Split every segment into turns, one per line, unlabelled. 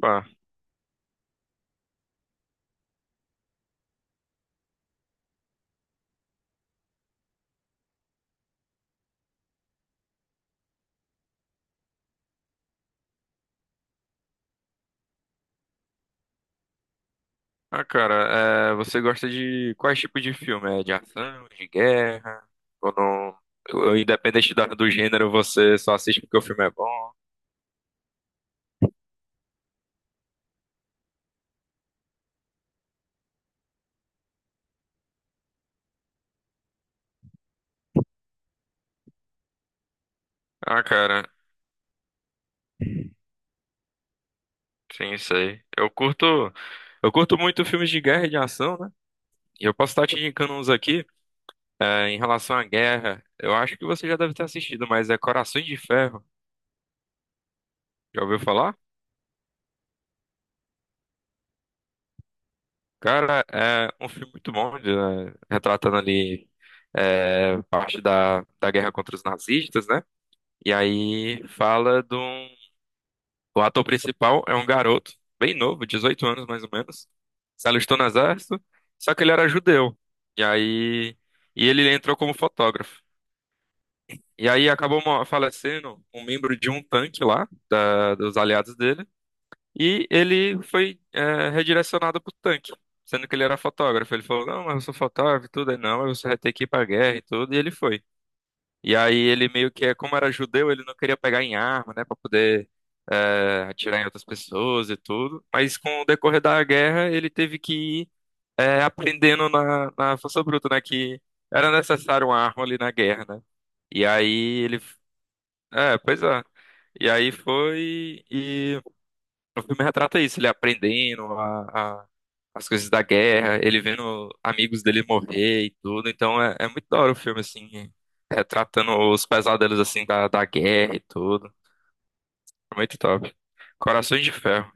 Pá. Ah, cara, você gosta de quais tipos de filme? É de ação, de guerra? Ou não? Ou independente do gênero, você só assiste porque o filme é bom? Ah, cara, sim, sei. Eu curto muito filmes de guerra e de ação, né? E eu posso estar te indicando uns aqui. Em relação à guerra, eu acho que você já deve ter assistido, mas é Corações de Ferro. Já ouviu falar? Cara, é um filme muito bom, né, retratando ali parte da guerra contra os nazistas, né. E aí fala de um. O ator principal é um garoto, bem novo, 18 anos mais ou menos. Se alistou no exército, só que ele era judeu. E aí. E ele entrou como fotógrafo. E aí acabou falecendo um membro de um tanque lá, dos aliados dele. E ele foi redirecionado pro tanque, sendo que ele era fotógrafo. Ele falou: não, mas eu sou fotógrafo e tudo. Aí, não, mas você vai ter que ir pra guerra e tudo. E ele foi. E aí ele meio que, como era judeu, ele não queria pegar em arma, né, pra poder atirar em outras pessoas e tudo. Mas com o decorrer da guerra, ele teve que ir aprendendo na força bruta, né, que era necessário uma arma ali na guerra, né. E aí ele, pois é. E aí foi e o filme retrata isso, ele aprendendo as coisas da guerra, ele vendo amigos dele morrer e tudo. Então é muito da hora o filme, assim, retratando os pesadelos, assim, da guerra e tudo. É muito top. Corações de Ferro.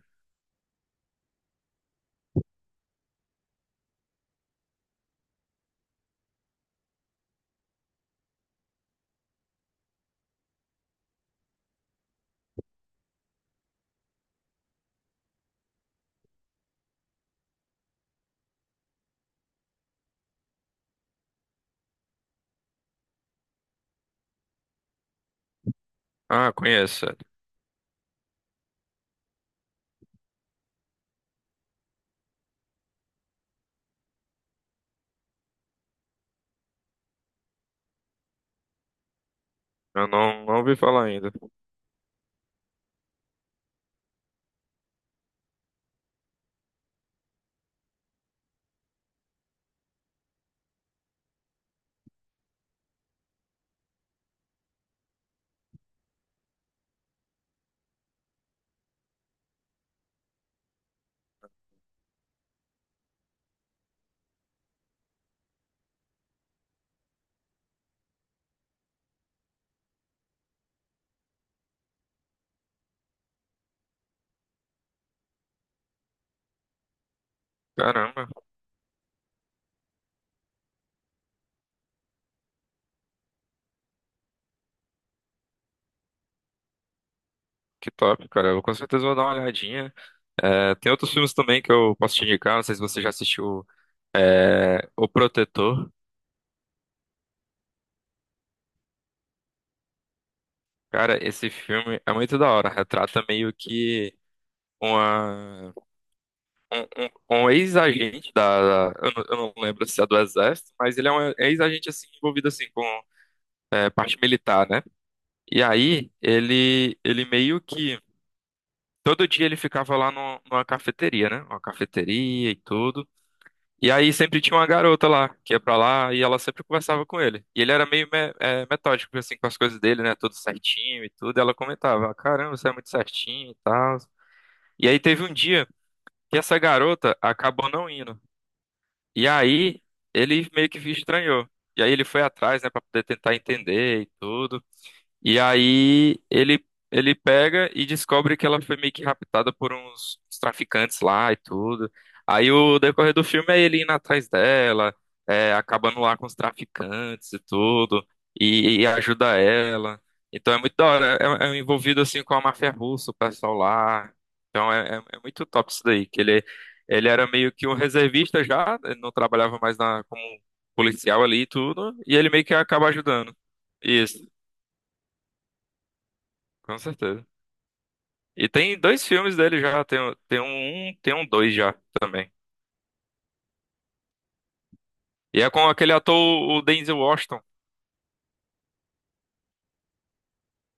Ah, conheço. Eu não ouvi falar ainda. Caramba, que top, cara. Eu com certeza vou dar uma olhadinha. Tem outros filmes também que eu posso te indicar. Não sei se você já assistiu, O Protetor. Cara, esse filme é muito da hora. Retrata meio que uma, um, um- um ex-agente eu não lembro se é do Exército, mas ele é um ex-agente assim envolvido assim com parte militar, né? E aí ele meio que todo dia ele ficava lá no, numa cafeteria, né? Uma cafeteria e tudo. E aí sempre tinha uma garota lá que ia pra lá e ela sempre conversava com ele. E ele era meio metódico assim com as coisas dele, né? Tudo certinho e tudo. E ela comentava: "Ah, caramba, você é muito certinho e tal". E aí teve um dia que essa garota acabou não indo. E aí ele meio que estranhou. E aí ele foi atrás, né, pra poder tentar entender e tudo. E aí ele pega e descobre que ela foi meio que raptada por uns traficantes lá e tudo. Aí o decorrer do filme é ele indo atrás dela, acabando lá com os traficantes e tudo, e ajuda ela. Então é muito da hora, é é um envolvido assim com a máfia russa, o pessoal lá. Então é muito top isso daí, que ele era meio que um reservista já, ele não trabalhava mais na, como policial ali e tudo, e ele meio que acaba ajudando. Isso, com certeza. E tem dois filmes dele já, tem tem um dois já também. E é com aquele ator, o Denzel Washington,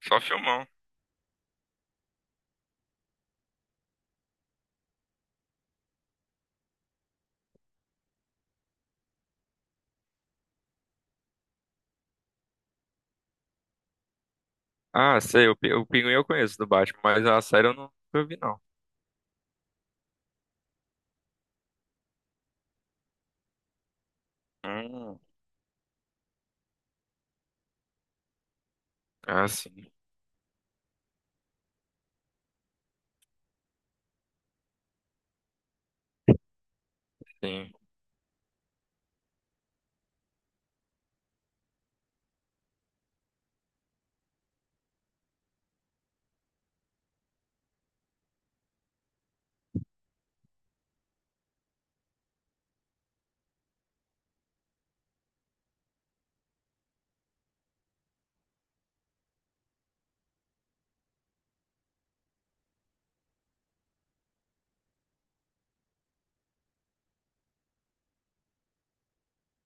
só filmão. Ah, sei, o Pinguim eu conheço do Batman, mas a série eu nunca vi não. Hum, ah, sim, sim.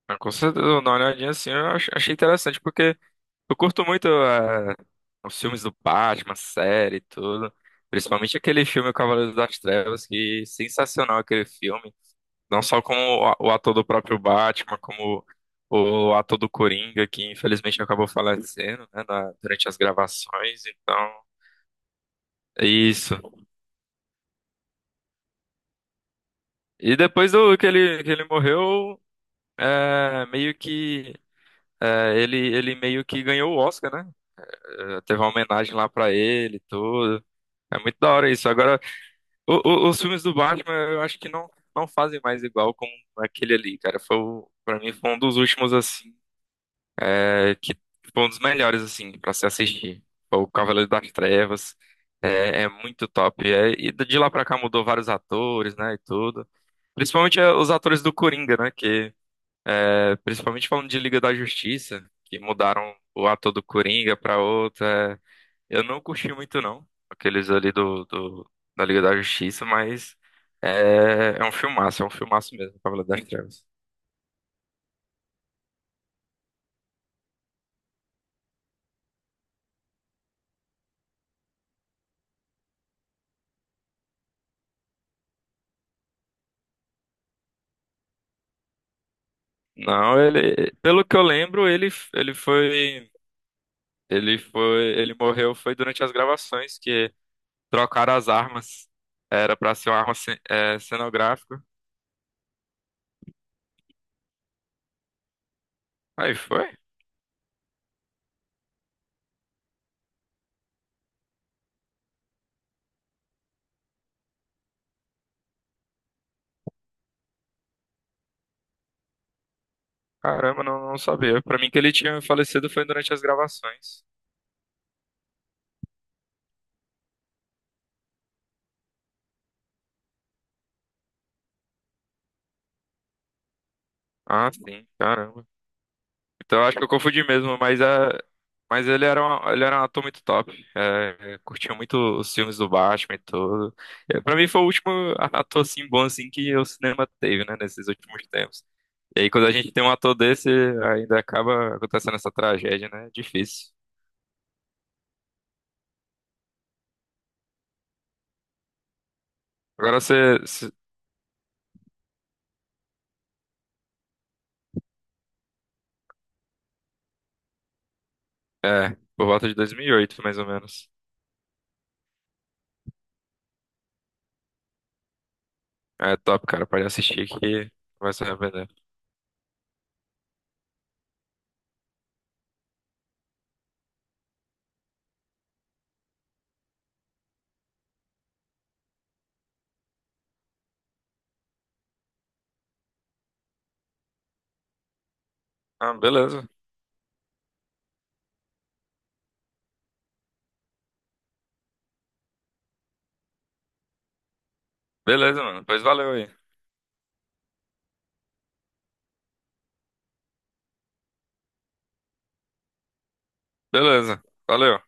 Ah, com certeza, eu vou dar uma olhadinha assim, eu achei interessante, porque eu curto muito os filmes do Batman, série e tudo. Principalmente aquele filme O Cavaleiro das Trevas, que sensacional aquele filme. Não só como o ator do próprio Batman, como o ator do Coringa, que infelizmente acabou falecendo, né, durante as gravações, então, é isso. E depois do que ele morreu, meio que, ele meio que ganhou o Oscar, né? É, teve uma homenagem lá pra ele e tudo. É muito da hora isso. Agora, o- os filmes do Batman, eu acho que não fazem mais igual com aquele ali, cara. Foi, pra mim, foi um dos últimos, assim, que foi um dos melhores, assim, pra se assistir. Foi O Cavaleiro das Trevas. É, é muito top. É, e de lá pra cá mudou vários atores, né, e tudo. Principalmente os atores do Coringa, né, que... principalmente falando de Liga da Justiça, que mudaram o ator do Coringa pra outro. Eu não curti muito, não. Aqueles ali da Liga da Justiça, mas... É um filmaço, é um filmaço mesmo, Cavaleiro das Trevas. Não, ele, pelo que eu lembro, ele foi. Ele foi, ele morreu foi durante as gravações que trocaram as armas. Era pra ser uma arma cenográfica. Aí foi? Caramba, não sabia. Pra mim que ele tinha falecido foi durante as gravações. Ah, sim, caramba. Então acho que eu confundi mesmo, mas ele era um ator muito top. Curtia muito os filmes do Batman e tudo. Para mim foi o último ator assim bom assim que o cinema teve, né, nesses últimos tempos. E aí, quando a gente tem um ator desse, ainda acaba acontecendo essa tragédia, né? Difícil. Agora você. se- É, por volta de 2008, mais ou menos. É top, cara. Pode assistir que vai se arrepender. Ah, beleza. Beleza, mano. Pois valeu aí. Beleza. Valeu.